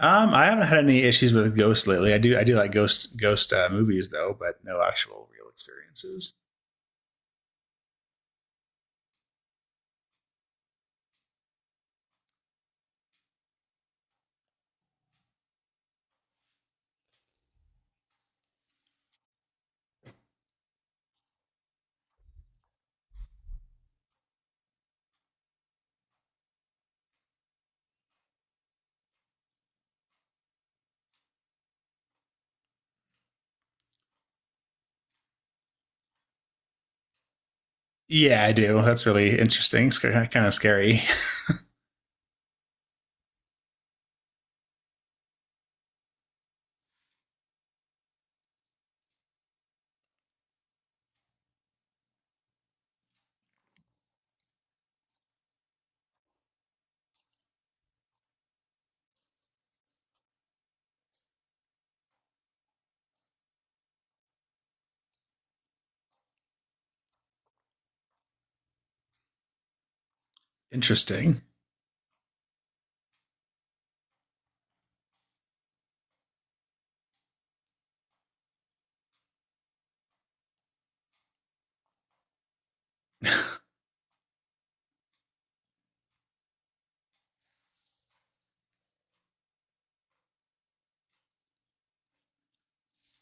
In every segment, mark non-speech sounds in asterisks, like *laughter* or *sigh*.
I haven't had any issues with Ghost lately. I do like Ghost movies though, but no actual real experiences. Yeah, I do. That's really interesting. It's kind of scary. *laughs* Interesting.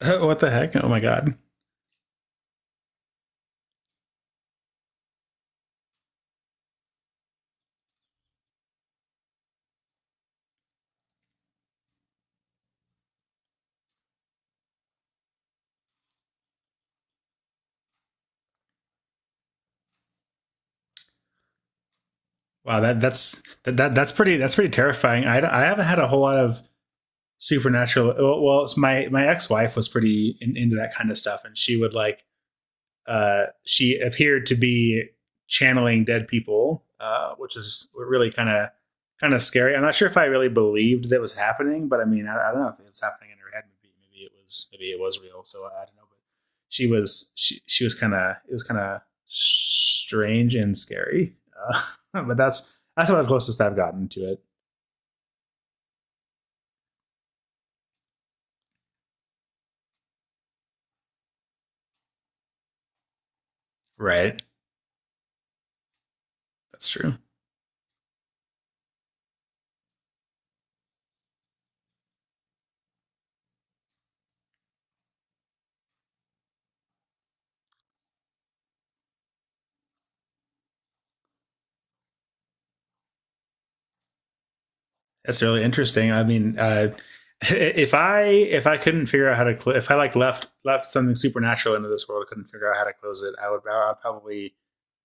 Oh, what the heck? Oh my god! Wow, that that's that, that that's pretty terrifying. I haven't had a whole lot of supernatural. Well, it's my ex wife was pretty into that kind of stuff, and she would like she appeared to be channeling dead people, which is really kind of scary. I'm not sure if I really believed that was happening, but I mean, I don't know if it was happening in her head. Maybe it was real. So I don't know. But she was kind of, it was kind of strange and scary. *laughs* But that's about the closest I've gotten to it. Right. That's true. That's really interesting. I mean, *laughs* if I couldn't figure out how to if I like left something supernatural into this world, couldn't figure out how to close it, I'd probably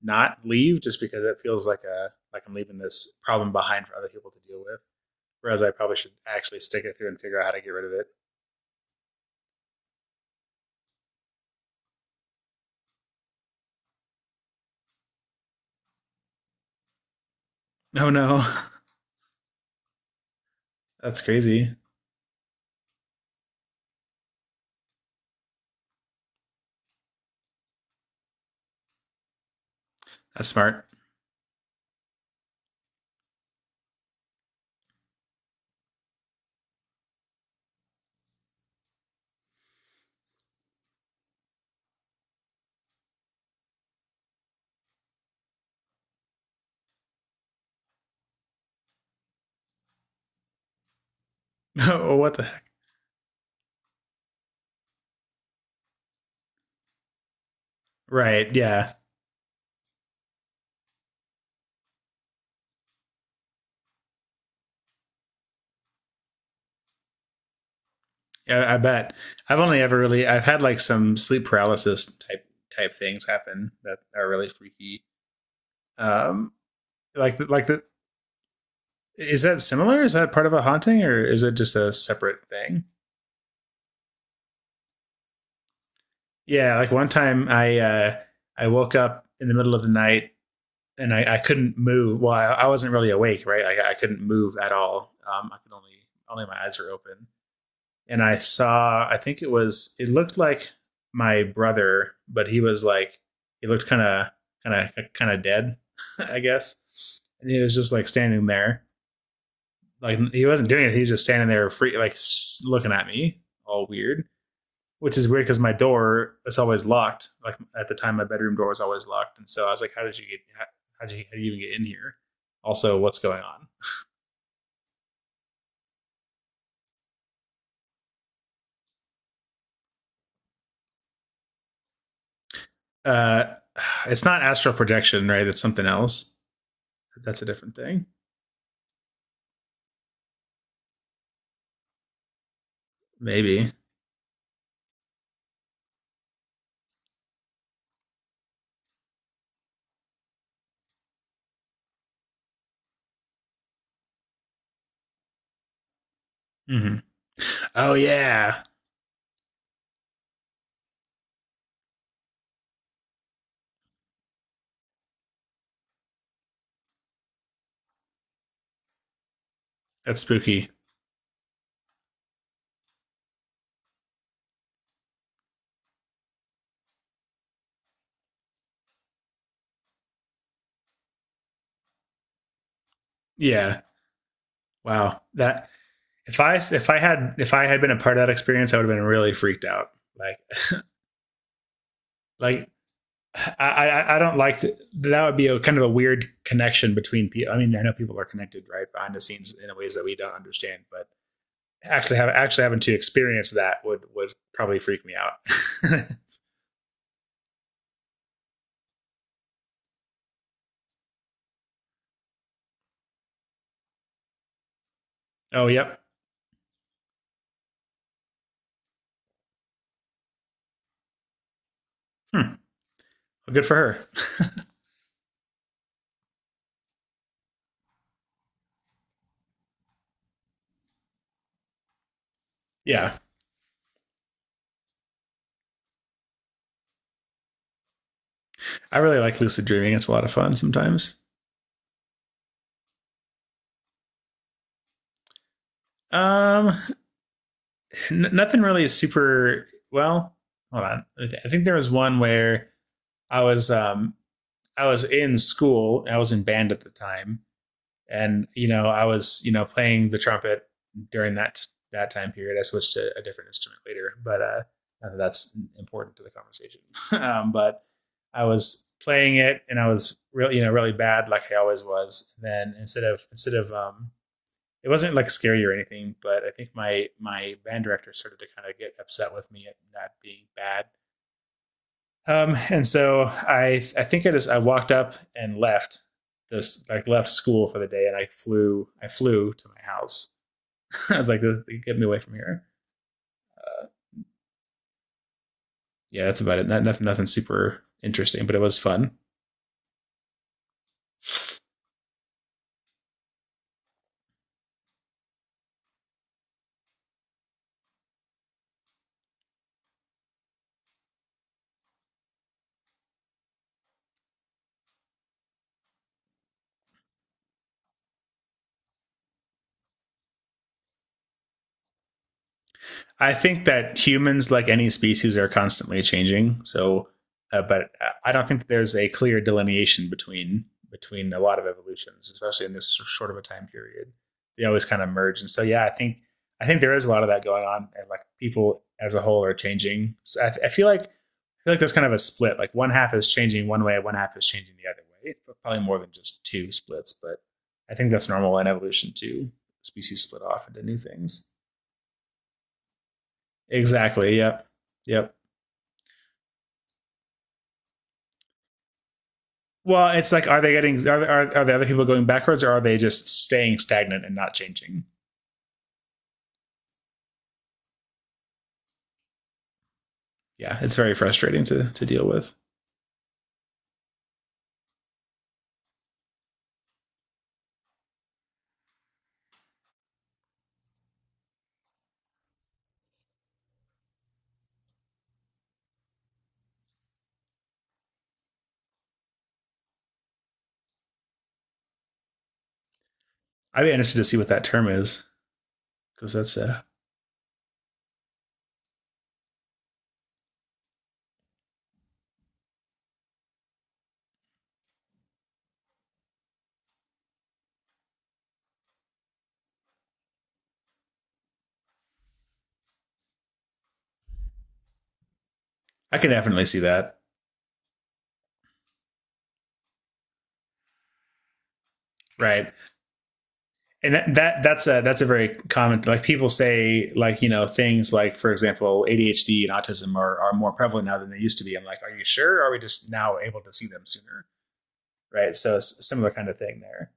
not leave just because it feels like a like I'm leaving this problem behind for other people to deal with. Whereas I probably should actually stick it through and figure out how to get rid of it. Oh no, *laughs* that's crazy. That's smart. *laughs* Oh, what the heck? Right? Yeah. Yeah, I bet. I've only ever really I've had like some sleep paralysis type things happen that are really freaky. Um, like the is that similar? Is that part of a haunting or is it just a separate thing? Yeah, like one time I woke up in the middle of the night and I couldn't move. Well, I wasn't really awake, right? Like I couldn't move at all. I could only my eyes were open, and I saw. I think it was. It looked like my brother, but he was like he looked kind of dead, *laughs* I guess. And he was just like standing there, like he wasn't doing it. He was just standing there, free, like looking at me, all weird. Which is weird because my door is always locked. Like at the time, my bedroom door was always locked, and so I was like, "How did you get? How did you even get in here? Also, what's going on?" Uh, *sighs* it's not astral projection, right? It's something else. That's a different thing, maybe. Hmm. Oh yeah, that's spooky. Yeah, wow. That if I had been a part of that experience, I would have been really freaked out. Like *sighs* like I don't like to, that would be a kind of a weird connection between people. I mean, I know people are connected right behind the scenes in ways that we don't understand, but actually having to experience that would probably freak me out. *laughs* Oh, yep. Hmm. Well, good for her. Yeah, I really like lucid dreaming. It's a lot of fun sometimes. Um, nothing really is super. Well, hold on. I think there was one where I was um I was in school. I was in band at the time, and you know, I was you know, playing the trumpet during that time period. I switched to a different instrument later, but that's important to the conversation. *laughs* But I was playing it and I was really, you know, really bad like I always was then, instead of it wasn't like scary or anything, but I think my band director started to kind of get upset with me at not being bad. And so I think I walked up and left this like left school for the day, and I flew to my house. *laughs* I was like, "Get me away from here." Yeah, that's about it. Not nothing super interesting, but it was fun. I think that humans, like any species, are constantly changing. So, but I don't think that there's a clear delineation between a lot of evolutions, especially in this short of a time period. They always kind of merge, and so yeah, I think there is a lot of that going on, and like people as a whole are changing. So I feel like there's kind of a split. Like one half is changing one way, one half is changing the other way. It's probably more than just two splits, but I think that's normal in evolution too. Species split off into new things. Exactly. Yep. Yep. Well, it's like, are they are the other people going backwards, or are they just staying stagnant and not changing? Yeah, it's very frustrating to deal with. I'd be interested to see what that term is because that's I can definitely see that, right? And that's a that's a very common, like people say, like, you know, things like for example ADHD and autism are more prevalent now than they used to be. I'm like, are you sure? Or are we just now able to see them sooner? Right? So it's a similar kind of thing there.